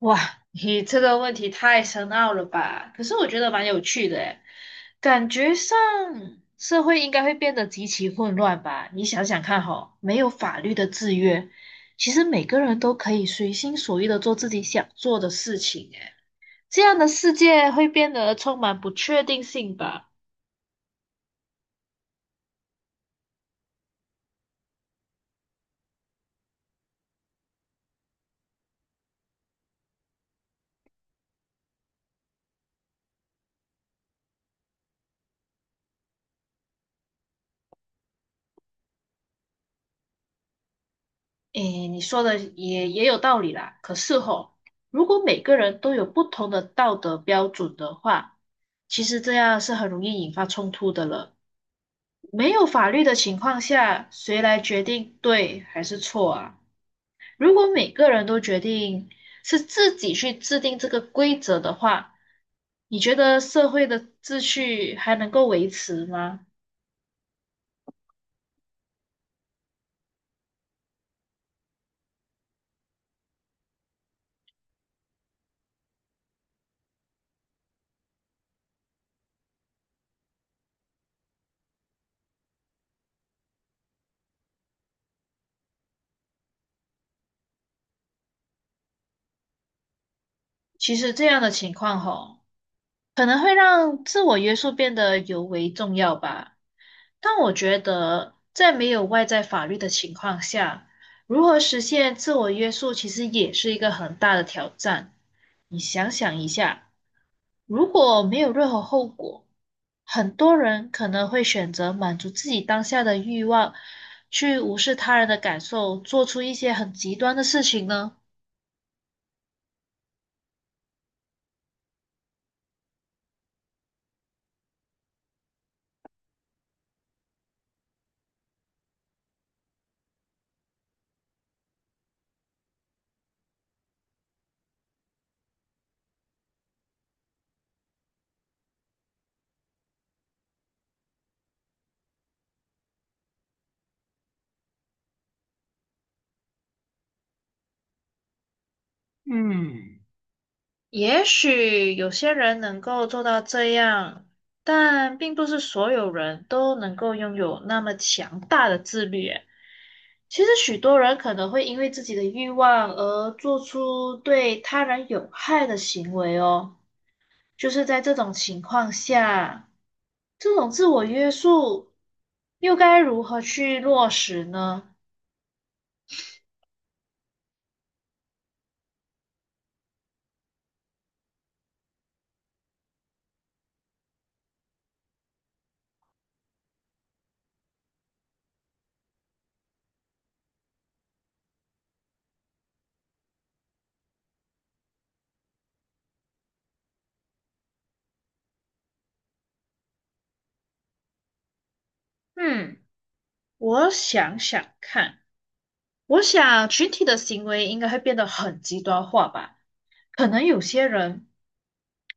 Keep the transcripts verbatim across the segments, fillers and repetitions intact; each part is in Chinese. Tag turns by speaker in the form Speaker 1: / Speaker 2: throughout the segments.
Speaker 1: 哇，你这个问题太深奥了吧？可是我觉得蛮有趣的诶，感觉上社会应该会变得极其混乱吧？你想想看哈，没有法律的制约，其实每个人都可以随心所欲的做自己想做的事情诶，这样的世界会变得充满不确定性吧？诶，你说的也也有道理啦。可是吼，如果每个人都有不同的道德标准的话，其实这样是很容易引发冲突的了。没有法律的情况下，谁来决定对还是错啊？如果每个人都决定是自己去制定这个规则的话，你觉得社会的秩序还能够维持吗？其实这样的情况吼，可能会让自我约束变得尤为重要吧。但我觉得，在没有外在法律的情况下，如何实现自我约束，其实也是一个很大的挑战。你想想一下。如果没有任何后果，很多人可能会选择满足自己当下的欲望，去无视他人的感受，做出一些很极端的事情呢。嗯，也许有些人能够做到这样，但并不是所有人都能够拥有那么强大的自律耶，其实许多人可能会因为自己的欲望而做出对他人有害的行为哦。就是在这种情况下，这种自我约束又该如何去落实呢？嗯，我想想看，我想群体的行为应该会变得很极端化吧，可能有些人。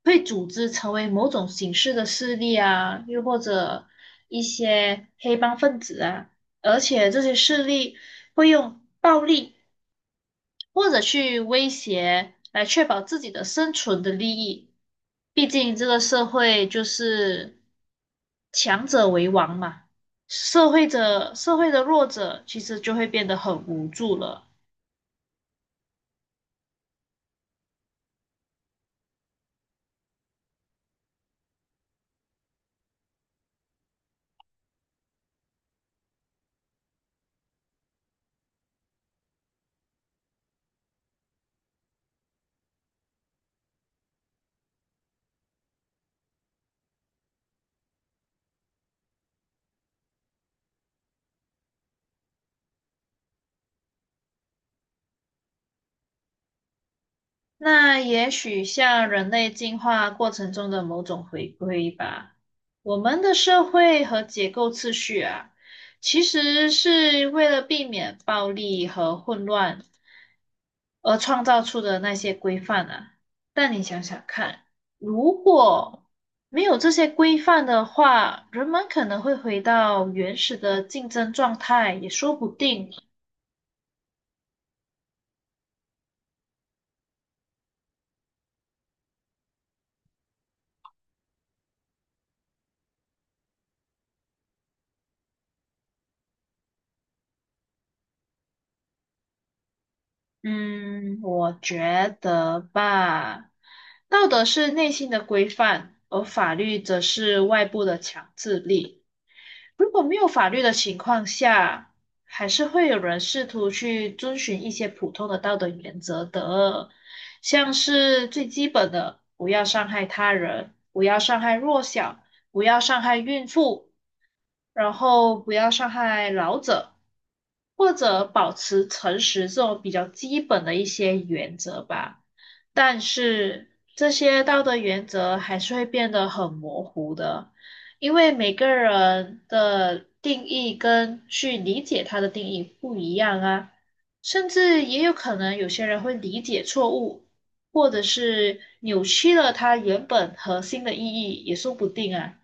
Speaker 1: 会组织成为某种形式的势力啊，又或者一些黑帮分子啊，而且这些势力会用暴力或者去威胁来确保自己的生存的利益。毕竟这个社会就是强者为王嘛，社会者社会的弱者其实就会变得很无助了。那也许像人类进化过程中的某种回归吧，我们的社会和结构次序啊，其实是为了避免暴力和混乱。而创造出的那些规范啊。但你想想看，如果没有这些规范的话，人们可能会回到原始的竞争状态，也说不定。嗯，我觉得吧，道德是内心的规范，而法律则是外部的强制力。如果没有法律的情况下，还是会有人试图去遵循一些普通的道德原则的，像是最基本的，不要伤害他人，不要伤害弱小，不要伤害孕妇，然后不要伤害老者，或者保持诚实这种比较基本的一些原则吧。但是这些道德原则还是会变得很模糊的，因为每个人的定义跟去理解它的定义不一样啊，甚至也有可能有些人会理解错误，或者是扭曲了它原本核心的意义，也说不定啊。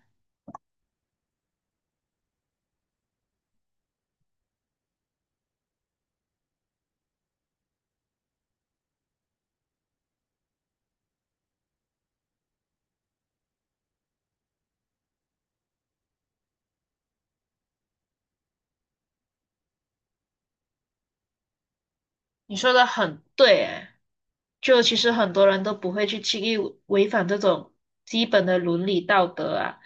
Speaker 1: 你说的很对，诶，就其实很多人都不会去轻易违反这种基本的伦理道德啊。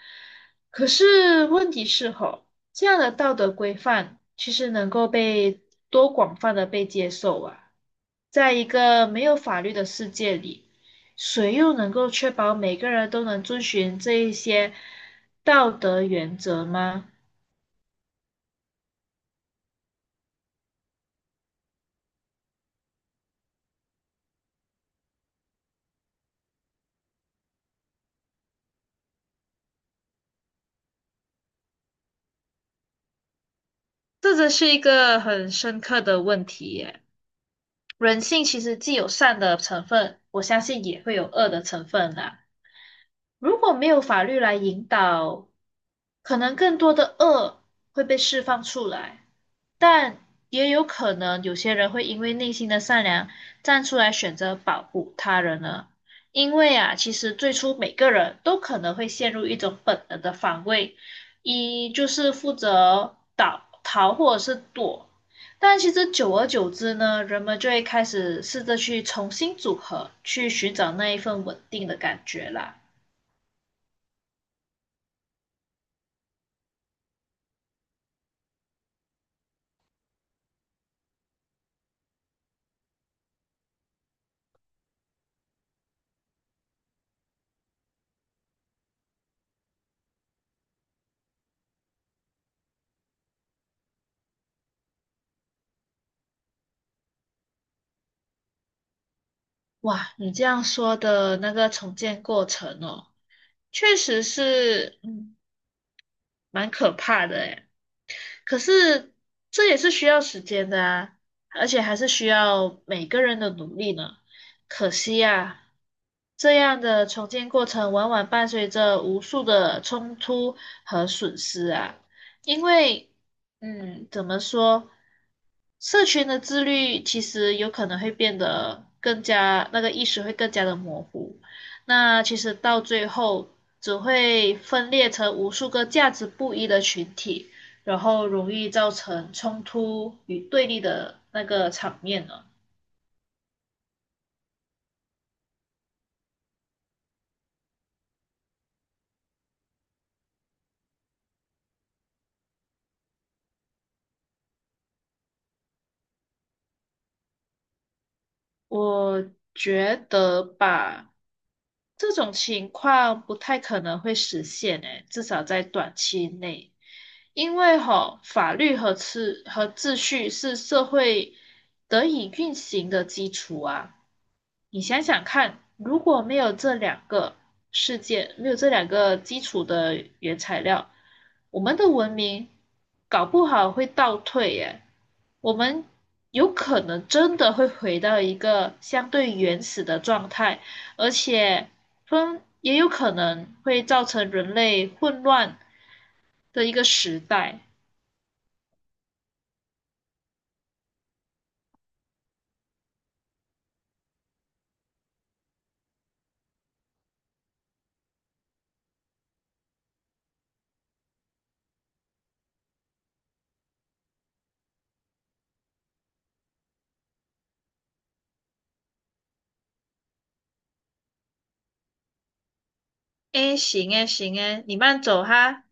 Speaker 1: 可是问题是吼，这样的道德规范其实能够被多广泛的被接受啊。在一个没有法律的世界里，谁又能够确保每个人都能遵循这一些道德原则吗？这真是一个很深刻的问题耶。人性其实既有善的成分，我相信也会有恶的成分啦。如果没有法律来引导，可能更多的恶会被释放出来，但也有可能有些人会因为内心的善良站出来选择保护他人呢。因为啊，其实最初每个人都可能会陷入一种本能的防卫，一就是负责倒逃或者是躲，但其实久而久之呢，人们就会开始试着去重新组合，去寻找那一份稳定的感觉啦。哇，你这样说的那个重建过程哦，确实是，嗯，蛮可怕的诶。可是这也是需要时间的啊，而且还是需要每个人的努力呢。可惜呀，这样的重建过程往往伴随着无数的冲突和损失啊，因为，嗯，怎么说？社群的自律其实有可能会变得更加，那个意识会更加的模糊。那其实到最后只会分裂成无数个价值不一的群体，然后容易造成冲突与对立的那个场面呢？我觉得吧，这种情况不太可能会实现诶，至少在短期内。因为吼，法律和秩和秩序是社会得以运行的基础啊。你想想看，如果没有这两个世界，没有这两个基础的原材料，我们的文明搞不好会倒退耶。我们有可能真的会回到一个相对原始的状态，而且分也有可能会造成人类混乱的一个时代。哎，行哎行哎你慢走哈。